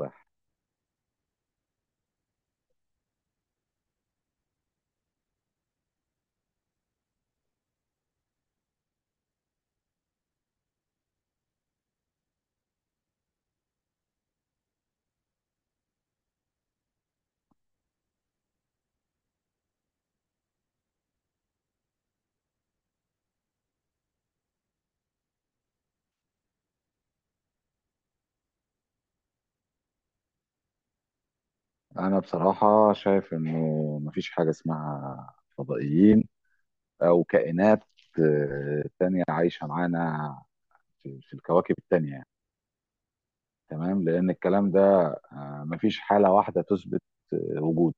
رايح. انا بصراحه شايف انه مفيش حاجه اسمها فضائيين او كائنات تانية عايشه معانا في الكواكب التانية، يعني تمام، لان الكلام ده مفيش حاله واحده تثبت وجود.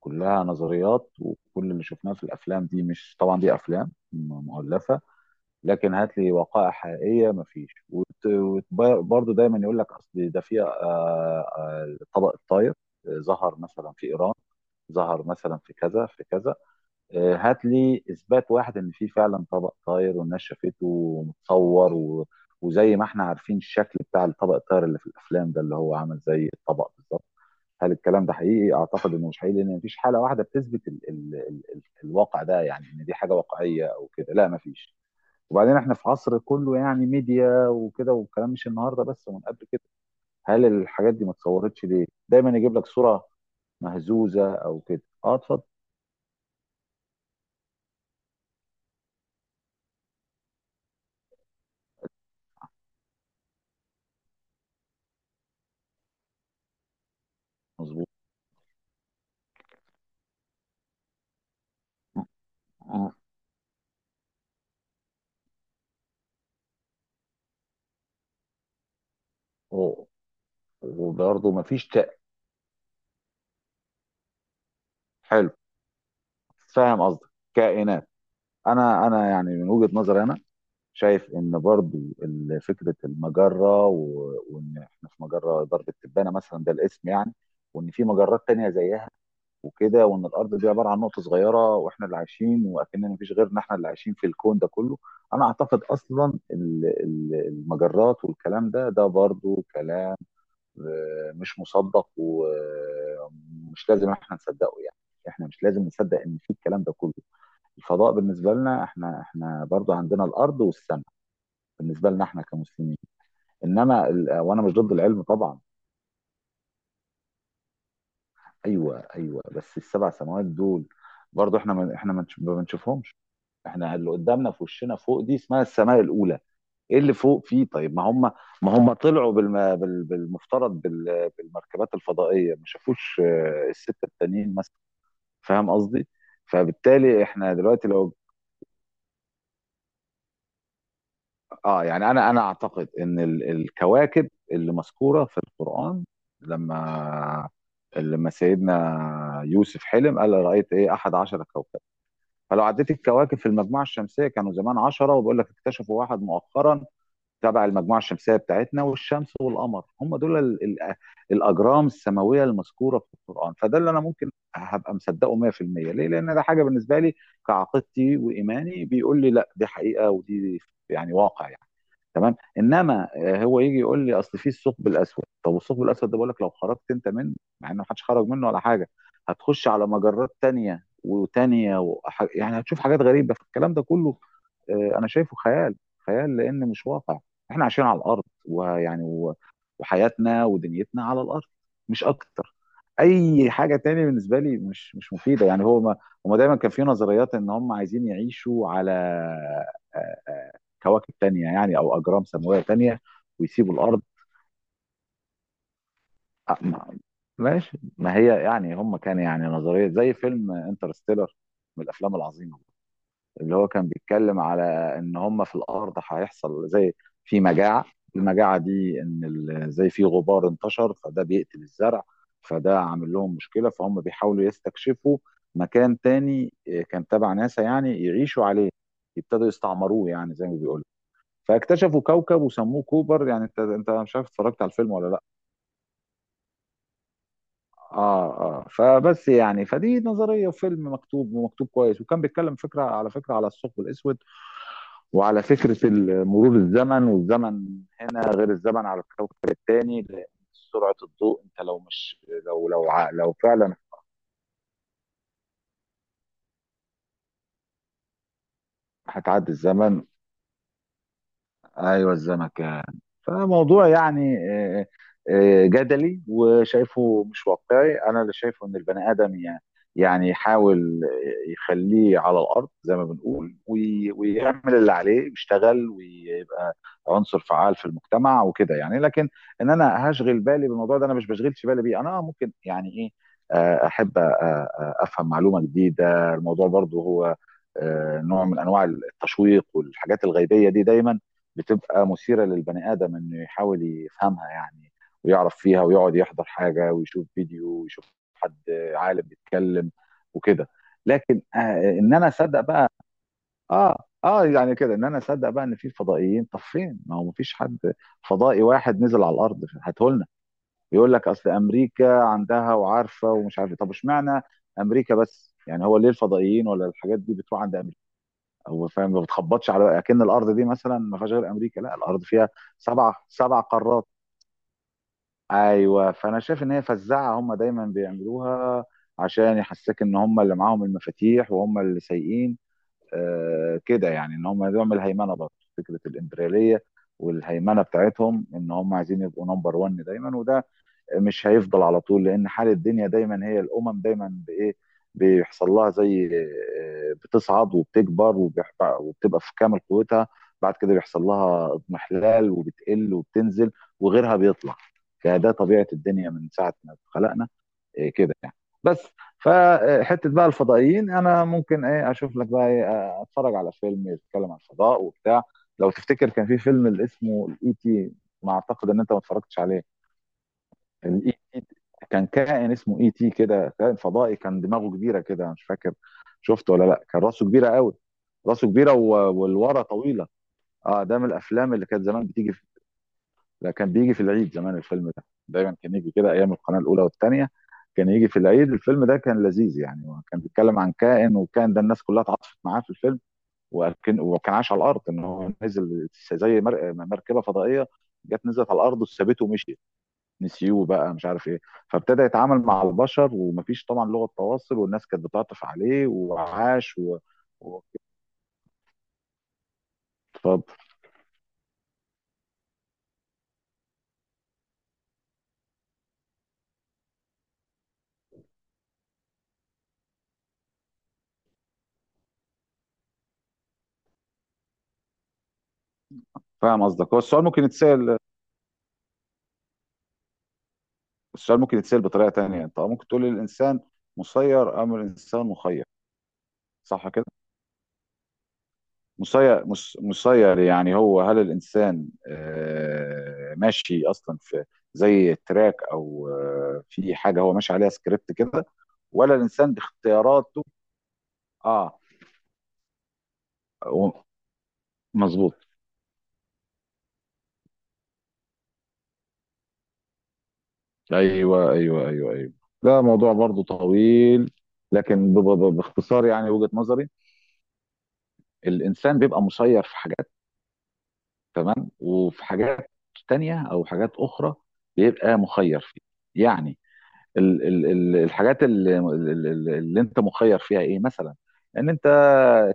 كلها نظريات، وكل اللي شفناه في الافلام دي، مش طبعا دي افلام مؤلفه. لكن هات لي وقائع حقيقيه، مفيش. وبرضه دايما يقول لك اصل ده في، طبق الطاير ظهر مثلا في ايران، ظهر مثلا في كذا في كذا. هات لي اثبات واحد ان في فعلا طبق طاير والناس شافته ومتصور. وزي ما احنا عارفين الشكل بتاع الطبق الطاير اللي في الافلام ده، اللي هو عامل زي الطبق بالظبط. هل الكلام ده حقيقي؟ اعتقد انه مش حقيقي، لان مفيش حاله واحده بتثبت الواقع ده، يعني ان دي حاجه واقعيه او كده. لا، مفيش. وبعدين احنا في عصر كله يعني ميديا وكده، والكلام مش النهارده بس ومن قبل كده. هل الحاجات دي ما اتصورتش ليه؟ دايما يجيب لك صوره مهزوزه او كده. اه، اتفضل. مظبوط. م- م- وبرضه ما فيش حلو. فاهم قصدك، كائنات. انا يعني من وجهه نظري انا، شايف ان برضو فكره المجره، وان احنا في مجره درب التبانه مثلا، ده الاسم يعني. وان في مجرات تانية زيها وكده، وان الارض دي عباره عن نقطه صغيره، واحنا اللي عايشين، واكننا مفيش غيرنا احنا اللي عايشين في الكون ده كله. انا اعتقد اصلا المجرات والكلام ده، برضو كلام مش مصدق، ومش لازم احنا نصدقه يعني. احنا مش لازم نصدق ان في الكلام ده كله. الفضاء بالنسبه لنا، احنا برضو عندنا الارض والسماء، بالنسبه لنا احنا كمسلمين. انما وانا مش ضد العلم طبعا. ايوه، بس السبع سماوات دول، برضو احنا ما بنشوفهمش. احنا اللي قدامنا في وشنا فوق دي اسمها السماء الاولى. ايه اللي فوق فيه؟ طيب، ما هم طلعوا بالمفترض بالمركبات الفضائيه، ما شافوش السته التانيين مثلا. فاهم قصدي؟ فبالتالي احنا دلوقتي لو، اه، يعني انا اعتقد ان الكواكب اللي مذكوره في القران، لما لما سيدنا يوسف حلم، قال رأيت ايه 11 كوكبا. فلو عديت الكواكب في المجموعه الشمسيه كانوا زمان 10، وبقول لك اكتشفوا واحد مؤخرا تبع المجموعه الشمسيه بتاعتنا، والشمس والقمر، هم دول الاجرام السماويه المذكوره في القران. فده اللي انا ممكن هبقى مصدقه 100%. ليه؟ لان ده حاجه بالنسبه لي كعقيدتي وايماني، بيقول لي لا، دي حقيقه ودي يعني واقع يعني. تمام. انما هو يجي يقول لي اصل في الثقب الاسود، طب الثقب الاسود ده بقول لك لو خرجت انت منه، مع ان محدش خرج منه ولا حاجه، هتخش على مجرات تانية وتانية، يعني هتشوف حاجات غريبه. فالكلام ده كله انا شايفه خيال، خيال لان مش واقع. احنا عايشين على الارض، ويعني وحياتنا ودنيتنا على الارض، مش اكتر. اي حاجه تانية بالنسبه لي مش مفيده، يعني هو ما... هما دايما كان في نظريات ان هم عايزين يعيشوا على آه، آه، كواكب تانية يعني، او اجرام سماويه تانية، ويسيبوا الارض. أ- ما- ماشي، ما هي يعني هم كان يعني نظريه زي فيلم انترستيلر، من الافلام العظيمه، اللي هو كان بيتكلم على ان هم في الارض هيحصل زي في مجاعه. المجاعه دي ان زي في غبار انتشر، فده بيقتل الزرع، فده عامل لهم مشكله، فهم بيحاولوا يستكشفوا مكان تاني، كان تبع ناسا، يعني يعيشوا عليه، يبتدوا يستعمروه يعني زي ما بيقولوا. فاكتشفوا كوكب وسموه كوبر. يعني انت مش عارف اتفرجت على الفيلم ولا لا؟ اه اه. فبس يعني، فدي نظريه وفيلم مكتوب ومكتوب كويس، وكان بيتكلم فكره على فكره على الثقب الاسود، وعلى فكره مرور الزمن. والزمن هنا غير الزمن على الكوكب الثاني، لان سرعه الضوء، انت لو مش، لو فعلا هتعدي الزمن. ايوه، الزمكان. فموضوع يعني، آه، جدلي، وشايفه مش واقعي. انا اللي شايفه ان البني ادم يعني، يحاول يخليه على الارض زي ما بنقول، ويعمل اللي عليه، ويشتغل ويبقى عنصر فعال في المجتمع وكده يعني. لكن ان انا هشغل بالي بالموضوع ده، انا مش بشغلش بالي بيه. انا ممكن يعني ايه، احب افهم معلومه جديده. الموضوع برضو هو نوع من انواع التشويق، والحاجات الغيبيه دي دايما بتبقى مثيره للبني ادم انه يحاول يفهمها يعني، ويعرف فيها، ويقعد يحضر حاجه، ويشوف فيديو، ويشوف حد عالم بيتكلم وكده. لكن آه ان انا اصدق بقى، اه اه يعني كده ان انا اصدق بقى ان في فضائيين، طب فين؟ ما هو مفيش حد فضائي واحد نزل على الارض هاته لنا. ويقول لك اصل امريكا عندها وعارفه ومش عارفه، طب اشمعنى امريكا بس؟ يعني هو ليه الفضائيين ولا الحاجات دي بتروح عند امريكا؟ هو فاهم ما بتخبطش، على اكن الارض دي مثلا ما فيهاش غير امريكا. لا، الارض فيها سبع قارات. ايوه. فانا شايف ان هي فزاعه هم دايما بيعملوها، عشان يحسسك ان هم اللي معاهم المفاتيح، وهم اللي سايقين، آه كده يعني. ان هم يعمل هيمنه برضه، فكره الامبرياليه والهيمنه بتاعتهم، ان هم عايزين يبقوا نمبر 1 دايما. وده مش هيفضل على طول، لان حال الدنيا دايما، هي الامم دايما بايه بيحصل لها زي بتصعد وبتكبر، وبتبقى في كامل قوتها، بعد كده بيحصل لها اضمحلال، وبتقل وبتنزل، وغيرها بيطلع. فده طبيعة الدنيا من ساعة ما اتخلقنا كده يعني. بس، فحتة بقى الفضائيين، انا ممكن ايه اشوف لك بقى إيه، اتفرج على فيلم يتكلم عن الفضاء وبتاع. لو تفتكر كان في فيلم اللي اسمه الاي تي، ما اعتقد ان انت ما اتفرجتش عليه، الاي تي، كان كائن اسمه اي تي كده، كائن فضائي، كان دماغه كبيره كده، مش فاكر شفته ولا لا، كان راسه كبيره قوي، راسه كبيره والورا طويله. اه، ده من الافلام اللي كانت زمان بتيجي لا، كان بيجي في العيد زمان. الفيلم ده دايما كان يجي كده ايام القناه الاولى والثانيه، كان يجي في العيد. الفيلم ده كان لذيذ يعني، هو كان بيتكلم عن كائن، وكان ده الناس كلها اتعاطفت معاه في الفيلم. وكان عايش على الارض، ان هو نزل زي مركبه فضائيه جت نزلت على الارض وسابته ومشيت، نسيوه بقى مش عارف ايه. فابتدى يتعامل مع البشر، ومفيش طبعا لغه تواصل، والناس كانت بتعطف عليه، وعاش و... اتفضل. فاهم قصدك. هو السؤال ممكن يتسال، السؤال ممكن يتسال بطريقه تانية. انت ممكن تقول الانسان مسير ام الانسان مخير، صح كده؟ مسير، مسير يعني، هو هل الانسان ماشي اصلا في زي تراك، او في حاجه هو ماشي عليها سكريبت كده، ولا الانسان باختياراته؟ اه، و- مظبوط. ايوه، ده موضوع برضو طويل، لكن باختصار، يعني وجهة نظري: الانسان بيبقى مسير في حاجات، تمام، وفي حاجات تانية او حاجات اخرى بيبقى مخير فيها. يعني ال ال ال الحاجات اللي انت مخير فيها ايه مثلا؟ ان انت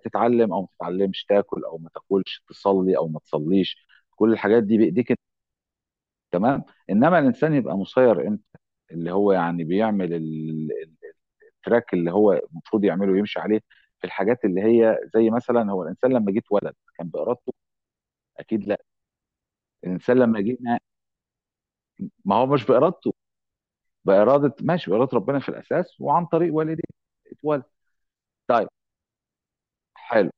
تتعلم او ما تتعلمش، تاكل او ما تاكلش، تصلي او ما تصليش. كل الحاجات دي بايديك انت، تمام. انما الانسان يبقى مسير امتى؟ اللي هو يعني بيعمل التراك اللي هو المفروض يعمله ويمشي عليه، في الحاجات اللي هي زي مثلا: هو الانسان لما جه اتولد كان بارادته؟ اكيد لا. الانسان لما جه، ما هو مش بارادته، باراده، ماشي، باراده ربنا في الاساس، وعن طريق والديه اتولد. طيب، حلو.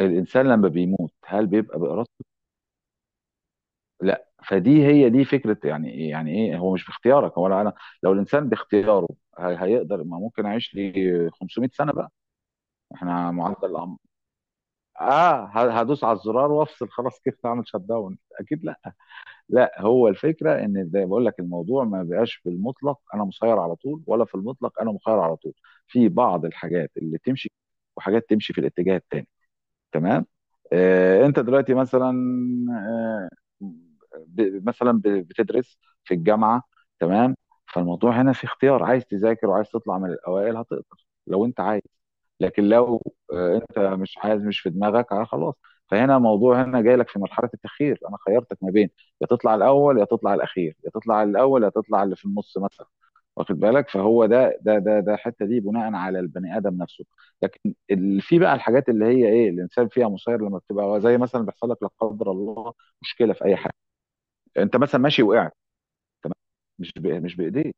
الانسان لما بيموت هل بيبقى بارادته؟ لا. فدي هي دي فكره، يعني يعني ايه، هو مش باختيارك ولا انا. لو الانسان باختياره، هيقدر ما ممكن اعيش لي 500 سنه بقى؟ احنا معدل العمر، اه، هدوس على الزرار وافصل خلاص كيف اعمل شت داون، اكيد لا. لا، هو الفكره ان زي بقول لك، الموضوع ما بقاش بالمطلق انا مسير على طول، ولا في المطلق انا مخير على طول. في بعض الحاجات اللي تمشي، وحاجات تمشي في الاتجاه التاني. تمام. انت دلوقتي مثلا، آه، ب- مثلا ب- بتدرس في الجامعه، تمام. فالموضوع هنا في اختيار، عايز تذاكر وعايز تطلع من الاوائل هتقدر لو انت عايز. لكن لو انت مش عايز، مش في دماغك، خلاص. فهنا الموضوع هنا جاي لك في مرحله التخيير، انا خيرتك ما بين يا تطلع الاول يا تطلع الاخير، يا تطلع الاول يا تطلع اللي في النص مثلا، واخد بالك. فهو ده الحته دي بناء على البني ادم نفسه. في بقى الحاجات اللي هي ايه الانسان فيها مسير، لما بتبقى زي مثلا بيحصل لك لا قدر الله مشكله في اي حاجه، انت مثلا ماشي وقعت، تمام، مش بايديك.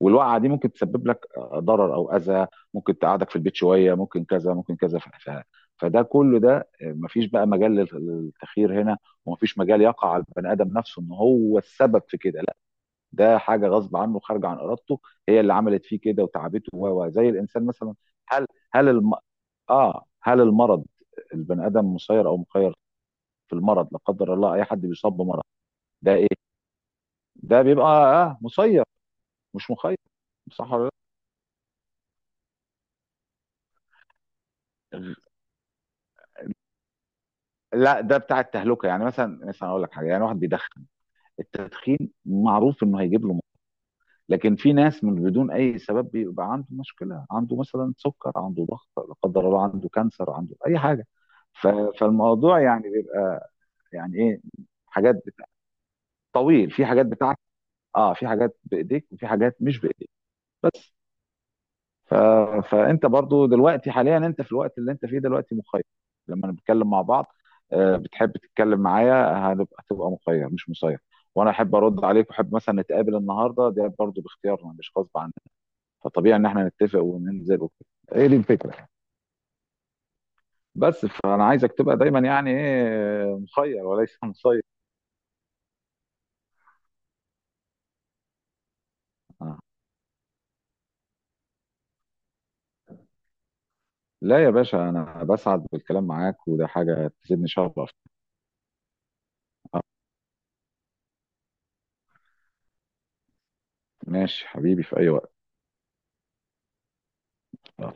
والوقعه دي ممكن تسبب لك ضرر او اذى، ممكن تقعدك في البيت شويه، ممكن كذا ممكن كذا، فده كله، ده مفيش بقى مجال للتخيير هنا. ومفيش مجال يقع على البني ادم نفسه ان هو السبب في كده، لا. ده حاجه غصب عنه، خارجه عن ارادته، هي اللي عملت فيه كده وتعبته زي الانسان مثلا. هل هل الم- اه هل المرض، البني ادم مسير او مخير في المرض؟ لا قدر الله اي حد بيصاب بمرض، ده ايه؟ ده بيبقى اه مسير، مش مخير، صح ولا؟ لا، لا ده بتاع التهلكه يعني، مثلا مثلا اقول لك حاجه يعني واحد بيدخن، التدخين معروف انه هيجيب له لكن في ناس من بدون اي سبب بيبقى عنده مشكله، عنده مثلا سكر، عنده ضغط لا قدر الله، عنده كانسر، عنده اي حاجه. ف- فالموضوع يعني بيبقى يعني ايه، حاجات بتاع، طويل، في حاجات بتاعت، اه، في حاجات بايديك وفي حاجات مش بايديك، بس. ف... فانت برضو دلوقتي حاليا، انت في الوقت اللي انت فيه دلوقتي مخير. لما نتكلم مع بعض بتحب تتكلم معايا، هنبقى تبقى مخير مش مسير. وانا احب ارد عليك، واحب مثلا نتقابل النهارده، ده برضو باختيارنا مش غصب عننا. فطبيعي ان احنا نتفق وننزل وكده. ايه دي الفكره. بس فانا عايزك تبقى دايما يعني ايه مخير وليس مسير. آه. لا يا باشا، انا بسعد بالكلام معاك، وده حاجه تزيدني شرف. ماشي حبيبي، في اي وقت. آه.